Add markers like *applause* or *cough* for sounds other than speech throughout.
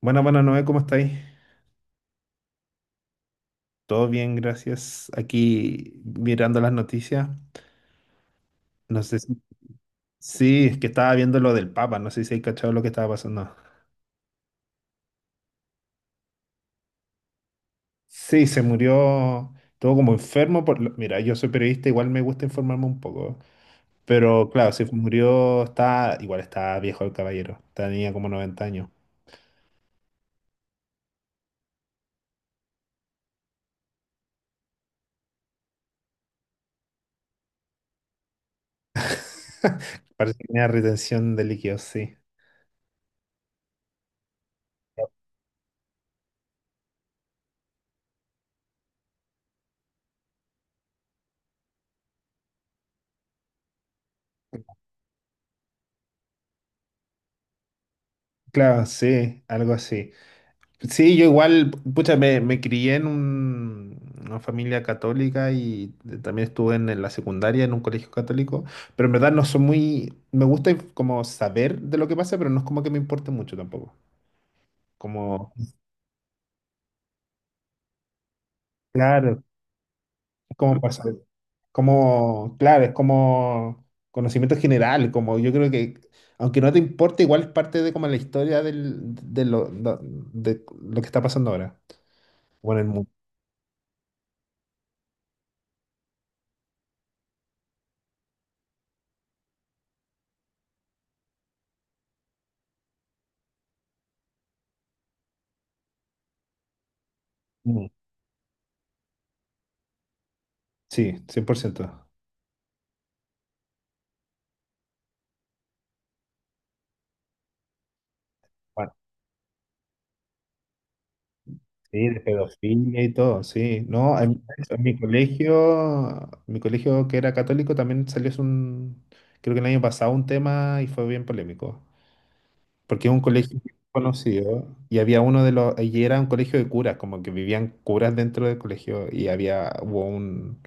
Bueno, bueno, Noé, ¿cómo estáis? Todo bien, gracias. Aquí mirando las noticias. No sé si... Sí, es que estaba viendo lo del Papa, no sé si hay cachado lo que estaba pasando. Sí, se murió, estuvo como enfermo por... lo- Mira, yo soy periodista, igual me gusta informarme un poco. Pero claro, se murió, está... Igual está viejo el caballero, tenía como 90 años. *laughs* Parece que tenía retención de líquidos, sí. Claro, sí, algo así. Sí, yo igual, pucha, me crié en un- una familia católica y también estuve en la secundaria en un colegio católico, pero en verdad no soy muy, me gusta inf- como saber de lo que pasa, pero no es como que me importe mucho tampoco. Como, claro, es como pasa, como, claro, es como conocimiento general, como yo creo que, aunque no te importe, igual es parte de como la historia del, de, lo que está pasando ahora, bueno, el mundo. Mm, sí, 100%. Sí, de pedofilia y todo, sí. No, en mi colegio que era católico también salió hace un, creo que el año pasado un tema y fue bien polémico, porque es un colegio bien conocido y había uno de los, y era un colegio de curas, como que vivían curas dentro del colegio y había, hubo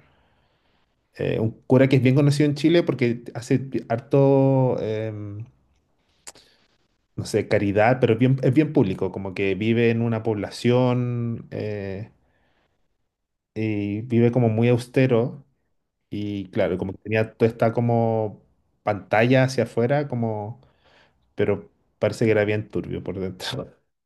un cura que es bien conocido en Chile porque hace harto, no sé, caridad, pero bien, es bien público, como que vive en una población. Y vive como muy austero y claro, como que tenía toda esta como pantalla hacia afuera, como, pero parece que era bien turbio por dentro. *laughs*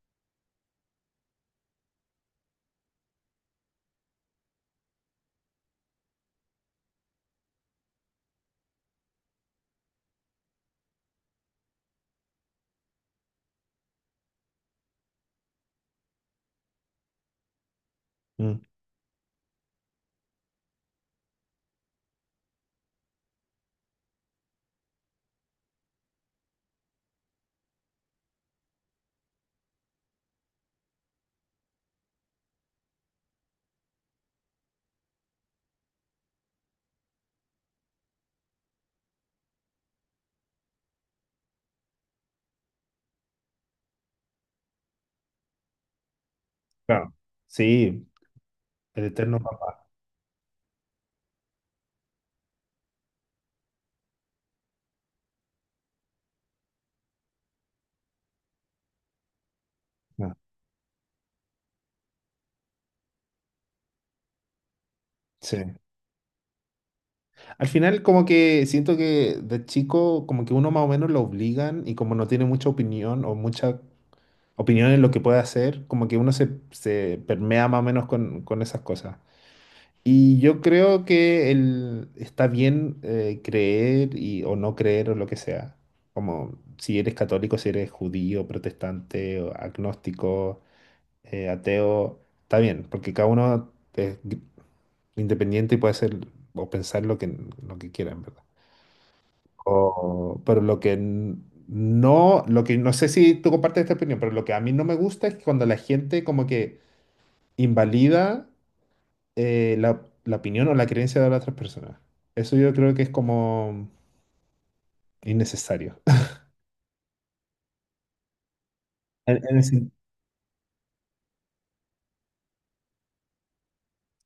Mm, claro, sí, el eterno *laughs* papá. No, sí. Al final como que siento que de chico como que uno más o menos lo obligan y como no tiene mucha opinión o mucha opinión en lo que puede hacer, como que uno se, se permea más o menos con esas cosas. Y yo creo que el, está bien creer y, o no creer o lo que sea. Como si eres católico, si eres judío, protestante, o agnóstico, ateo, está bien, porque cada uno es gr- independiente y puede ser o pensar lo que quiera, en verdad. O- pero lo que n- no, lo que no sé si tú compartes esta opinión, pero lo que a mí no me gusta es cuando la gente como que invalida la, opinión o la creencia de las otras personas. Eso yo creo que es como innecesario. *laughs* En el sen-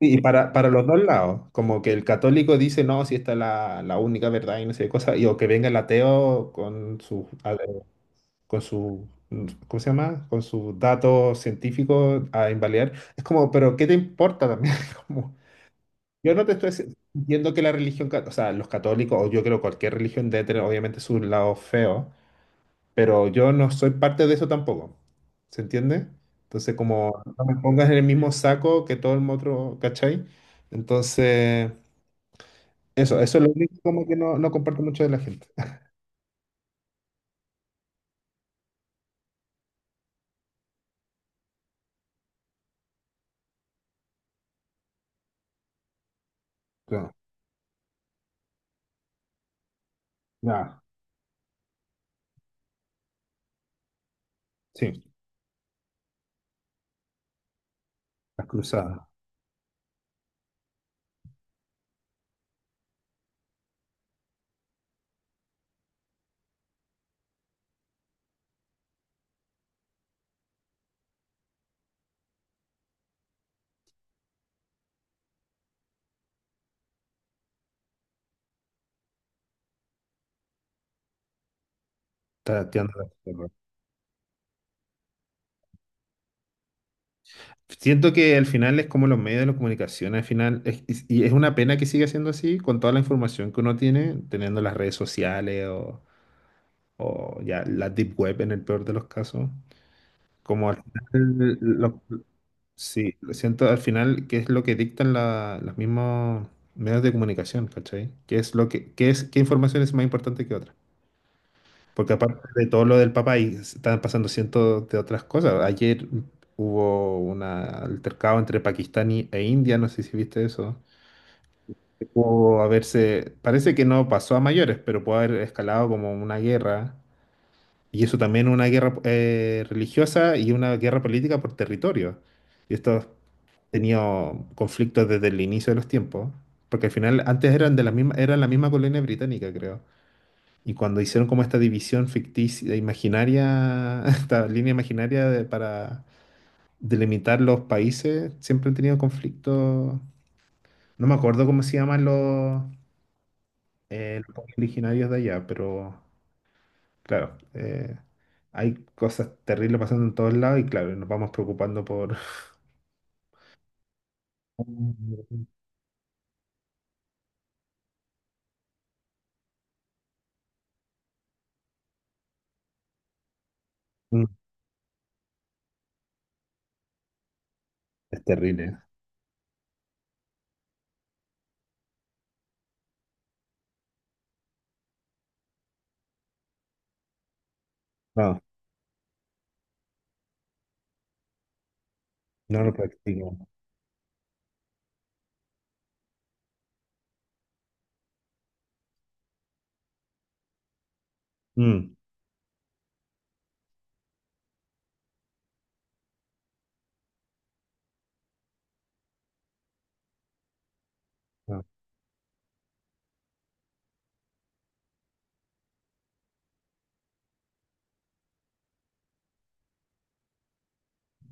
sí, y para, los dos lados, como que el católico dice, no, si esta es la, única verdad y no sé qué cosa, y o que venga el ateo con su, a- con su, ¿cómo se llama? Con sus datos científicos a invalidar. Es como, pero ¿qué te importa también? *laughs* Como, yo no te estoy diciendo que la religión, cat- o sea, los católicos, o yo creo cualquier religión debe tener obviamente su lado feo, pero yo no soy parte de eso tampoco. ¿Se entiende? Entonces, como no me pongas en el mismo saco que todo el otro, ¿cachai? Entonces, eso es lo único como que no, no comparto mucho de la gente. *laughs* Claro, ya, sí, las cruzadas, tarateando las cruzadas. Siento que al final es como los medios de la comunicación, al final, y es una pena que siga siendo así con toda la información que uno tiene, teniendo las redes sociales o ya la deep web en el peor de los casos. Como al final los sí, lo siento al final, que es lo que dictan la- los mismos medios de comunicación, ¿cachai? ¿Qué es lo que, qué es, qué información es más importante que otra? Porque aparte de todo lo del Papa, ahí están pasando cientos de otras cosas. Ayer hubo un altercado entre Pakistán y- e India, no sé si viste eso. Pudo haberse, parece que no pasó a mayores, pero pudo haber escalado como una guerra. Y eso también una guerra religiosa y una guerra política por territorio. Y estos tenido conflictos desde el inicio de los tiempos, porque al final antes eran de la misma, eran la misma colonia británica, creo. Y cuando hicieron como esta división ficticia, e imaginaria, *laughs* esta línea imaginaria de- para delimitar los países, siempre han tenido conflictos. No me acuerdo cómo se llaman los pueblos originarios de allá, pero claro, hay cosas terribles pasando en todos lados y claro, nos vamos preocupando por... *laughs* Mm, es terrible. No, no lo practico. Mm, ah,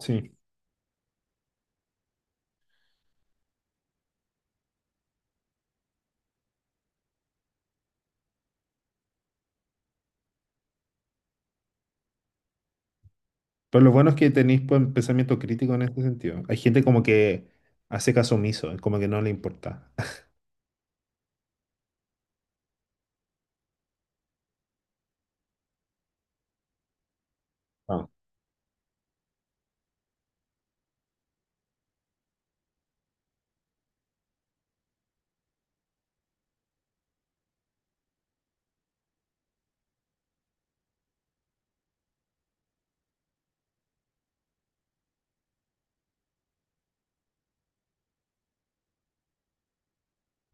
sí. Pero lo bueno es que tenéis pues, pensamiento crítico en este sentido. Hay gente como que hace caso omiso, como que no le importa. *laughs* Ah.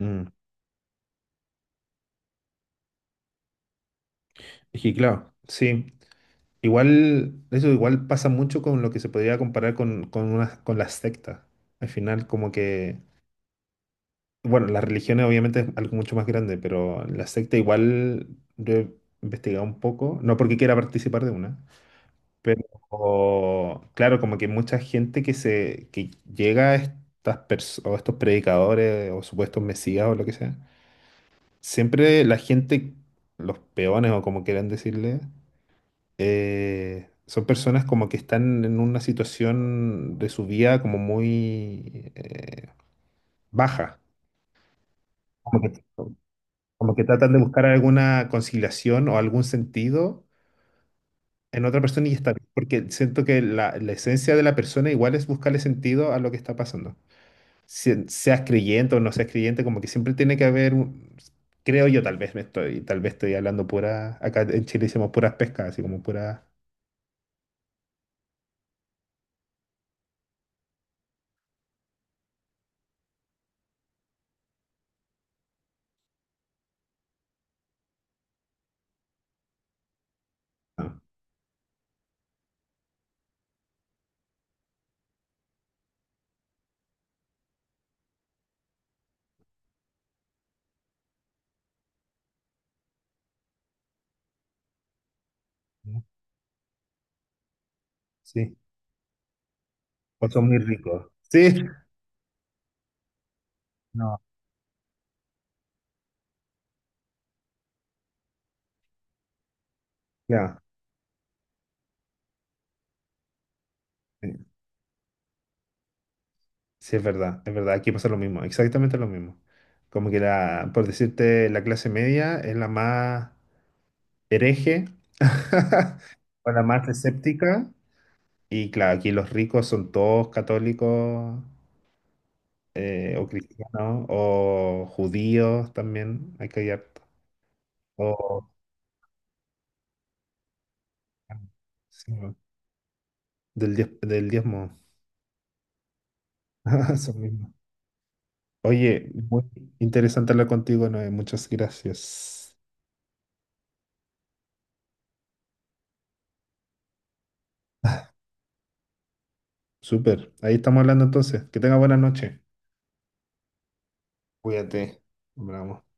Mm. Es que claro, sí. Igual, eso igual pasa mucho con lo que se podría comparar con, una- con las sectas. Al final, como que, bueno, las religiones obviamente es algo mucho más grande, pero la secta igual yo he investigado un poco, no porque quiera participar de una, pero claro, como que mucha gente que se que llega a estas pers- o estos predicadores o supuestos mesías o lo que sea, siempre la gente, los peones o como quieran decirle, son personas como que están en una situación de su vida como muy baja. Como que, como que tratan de buscar alguna conciliación o algún sentido en otra persona y está bien, porque siento que la, esencia de la persona igual es buscarle sentido a lo que está pasando. Si- seas creyente o no seas creyente, como que siempre tiene que haber un- creo yo, tal vez me estoy, tal vez estoy hablando pura, acá en Chile decimos puras pescas, así como puras, ah, ¿no? Sí, o son muy ricos, sí, no, ya, sí, sí, es verdad, aquí pasa lo mismo, exactamente lo mismo. Como que la, por decirte, la clase media es la más hereje *laughs* o la más escéptica. Y claro, aquí los ricos son todos católicos o cristianos o judíos también, hay que hallar. O sí, bueno, del diez- del diezmo. *laughs* Eso mismo. Oye, muy interesante hablar contigo, Noé. Muchas gracias. Súper. Ahí estamos hablando entonces. Que tenga buena noche. Cuídate. Bravo.